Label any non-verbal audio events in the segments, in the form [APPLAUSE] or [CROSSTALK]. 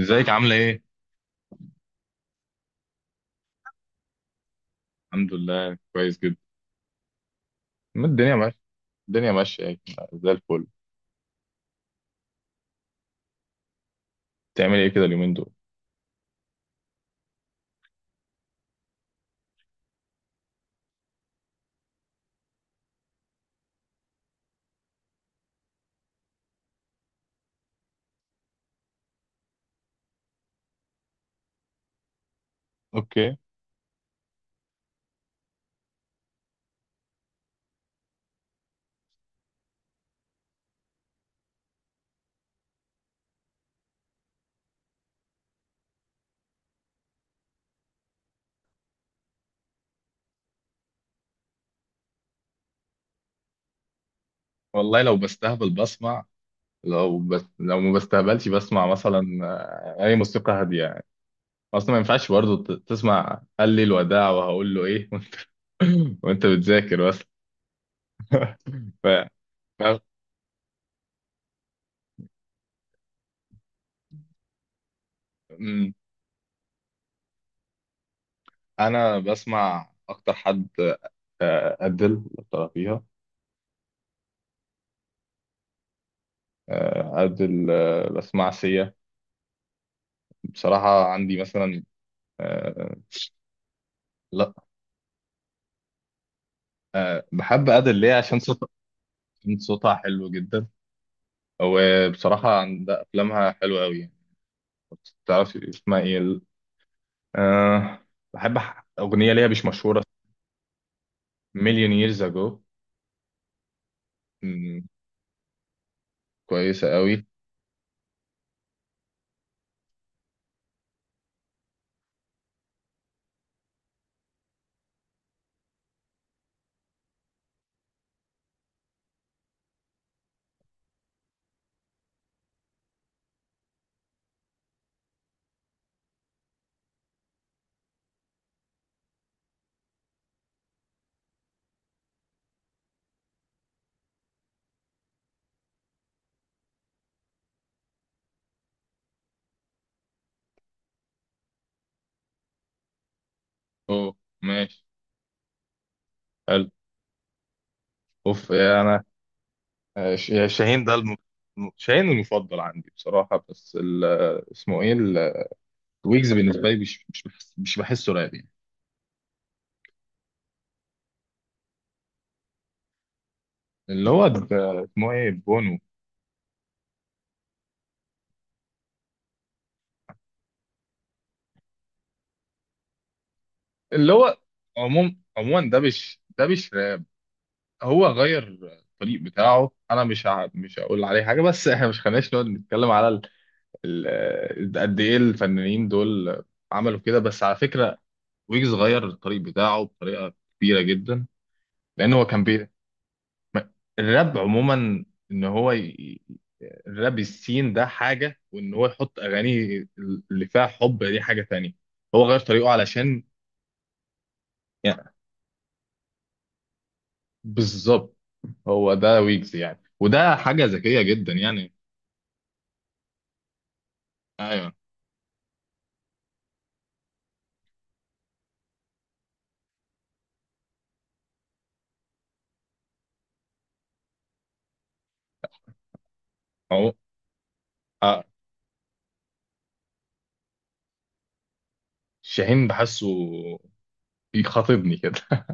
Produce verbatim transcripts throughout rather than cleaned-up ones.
ازيك عاملة ايه؟ الحمد لله كويس جدا. ما الدنيا ماشية. الدنيا ماشية يعني، زي الفل. بتعمل ايه كده اليومين دول؟ اوكي. والله لو بستهبل بسمع. لو بس لو ما بستهبلش بسمع مثلا. آه، اي موسيقى هادية يعني. اصلا ما ينفعش برضه ت- تسمع قال لي الوداع وهقول له ايه. [LAUGHS] وانت بتذاكر بس. [LAUGHS] ف... ف- مم. انا بسمع اكتر حد ادل فيها. ادل، آه، بسمع سيا. بصراحة عندي مثلا. أه بحب أدل ليه عشان صوت. عشان صوتها حلو جدا. وبصراحة عند أفلامها حلوة أوي يعني. تعرفي اسمها إيه ال- أه بحب أح- أغنية ليها مش مشهورة. مليون ييرز أجو. كويسة أوي. أوه. ماشي. حلو. أوف، إيه أنا؟ آه، ش- شاهين ده الم... شاهين المفضل عندي بصراحة، بس ال... اسمه إيه ال- ويجز بالنسبة لي مش مش بحس... مش بحسه راب يعني. اللي هو ده- اسمه إيه بونو. اللي هو عموم عموما ده مش ده مش هو غير الطريق بتاعه. انا مش ه... مش هقول عليه حاجه، بس احنا مش خليناش نقعد نتكلم على ال... ال... قد ايه الفنانين دول عملوا كده، بس على فكره ويجز غير الطريق بتاعه بطريقه كبيره جدا. لان هو كان بي... ما- الراب عموما. ان هو ي... الراب السين ده حاجه، وان هو يحط اغاني اللي فيها حب دي حاجه تانية. هو غير طريقه علشان يعني. بالظبط، هو ده ويجز يعني، وده حاجه ذكيه جدا يعني. ايوه. اه. شاهين بحسه بيخاطبني كده. [LAUGHS]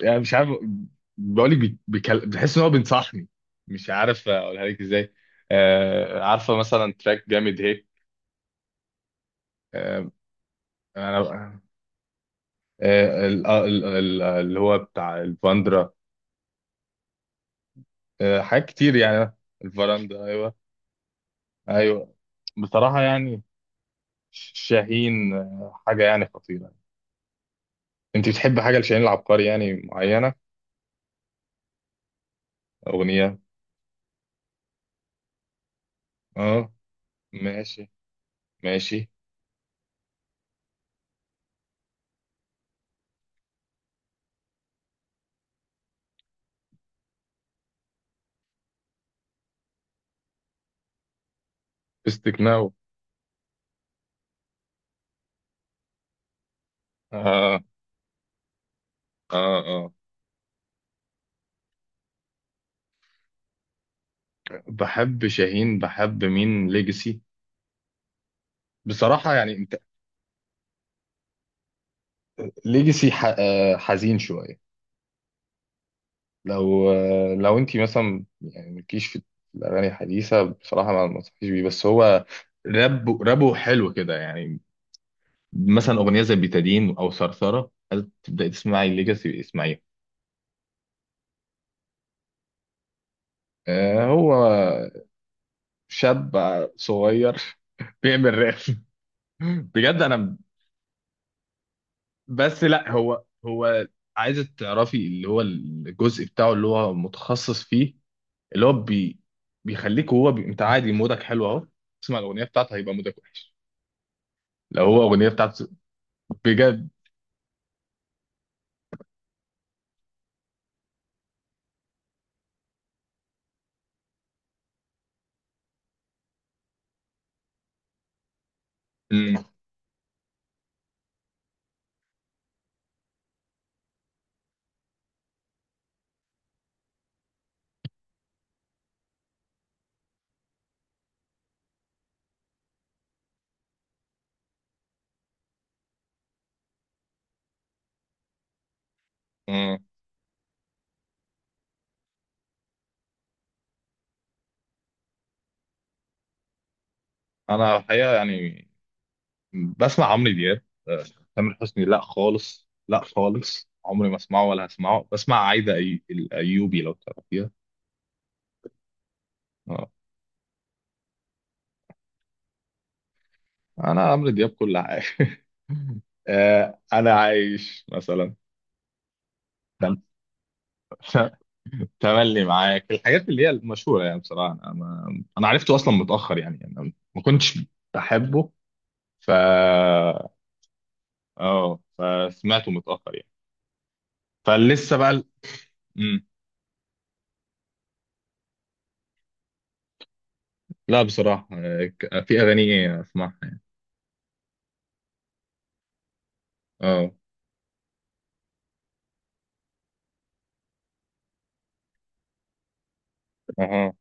يعني مش عارف، بقول لك بيكل... بحس ان هو بينصحني. مش عارف اقولها لك ازاي. آه عارفه مثلا تراك جامد هيك. آه انا آه ال- آه، ال- ال- اللي هو بتاع الفاندرا. آه حاجات كتير يعني. الفراندا، ايوه، ايوه. بصراحه يعني شاهين، آه، حاجه يعني خطيره. انت بتحب حاجه لشاهين العبقري يعني معينه؟ اغنيه. اه. ماشي، ماشي. بستك. اه، اه، اه. بحب شاهين، بحب مين ليجاسي. بصراحة يعني انت، ليجاسي ح... آه، حزين شوية. لو آه، لو انت مثلا يعني مالكيش في الأغاني الحديثة بصراحة، ما ما انصحكيش بيه. بس هو راب، رابه حلو كده يعني. مثلا أغنية زي بيتادين أو ثرثرة، هل تبدأي تسمعي ليجاسي اسمعيها. آه، هو شاب صغير. [LAUGHS] بيعمل راب بجد أنا، بس لا. هو هو عايزة تعرفي اللي هو الجزء بتاعه اللي هو متخصص فيه. اللي هو بي بيخليك. هو بي... انت عادي مودك حلو اهو. تسمع الاغنيه بتاعته هيبقى مودك وحش. لو هو اغنيه بتاعته بجد. مم. مم. انا الحقيقه يعني بسمع عمرو دياب. آه، تامر حسني لا خالص، لا خالص، عمري ما اسمعه ولا هسمعه. بسمع عايده أي... الايوبي لو تعرفيها. آه. انا عمرو دياب كل حاجه. [LAUGHS] آه، انا عايش مثلا، تملي معاك، الحاجات اللي هي المشهوره يعني. بصراحه انا ما... انا عرفته اصلا متاخر يعني. يعني انا ما كنتش بحبه. ف اه. فسمعته متاخر يعني. فلسه بقى ال- مم. لا، بصراحه آه، ك- في اغاني اسمعها. اه. اها.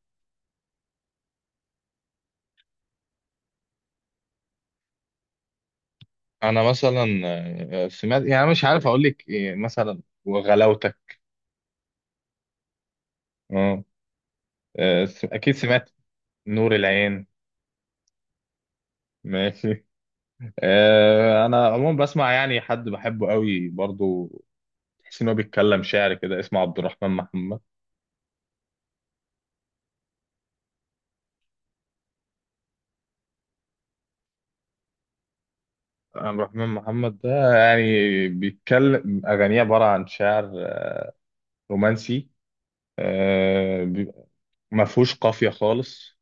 انا مثلا آه، سمعت يعني، مش عارف اقول لك إيه، مثلا وغلاوتك. اه. آه، س- اكيد سمعت نور العين. ماشي. آه، انا عموما بسمع يعني حد بحبه قوي برضو، تحس ان هو بيتكلم شعر كده، اسمه عبد الرحمن محمد. عبد الرحمن محمد ده يعني بيتكلم اغانيه عباره عن شعر رومانسي. آه، بيبقى- ما فيهوش قافيه خالص.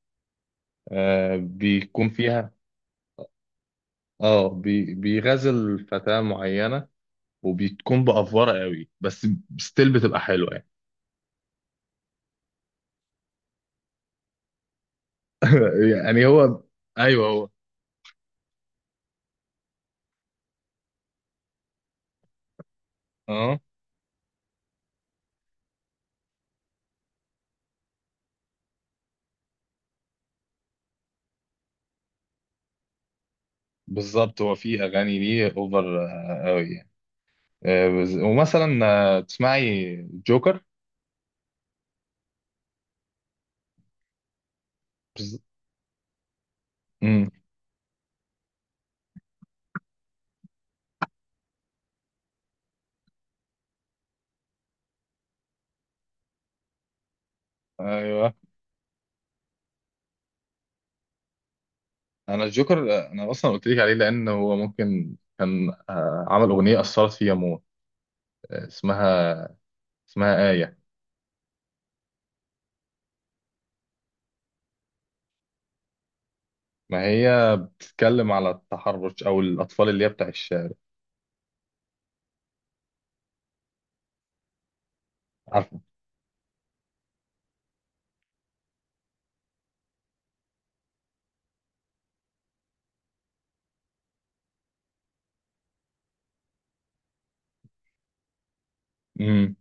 آه، بيكون فيها. اه. بي- بيغزل فتاه معينه وبتكون بافوره قوي، بس ستيل بتبقى حلوه يعني. [LAUGHS] يعني هو، ايوه، هو. اه. بالظبط، هو في اغاني ليه اوفر قوي يعني. آه، بز- ومثلا آه، تسمعي جوكر. ايوه. انا الجوكر انا اصلا قلت لك عليه، لان هو ممكن كان آه، عمل اغنيه اثرت فيا موت. آه، اسمها اسمها آية. ما هي بتتكلم على التحرش او الاطفال اللي هي بتاع الشارع. عارفه. امم.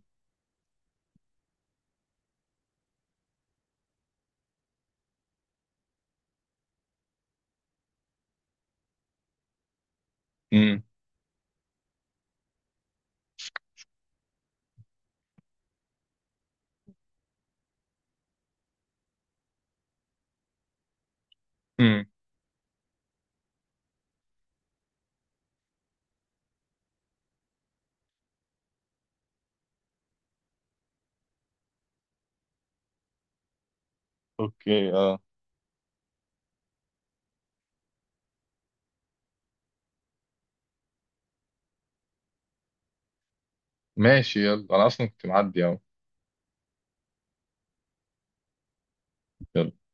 امم. امم. اوكي، اه. ماشي. يلا، انا اصلا كنت معدي اهو. يلا.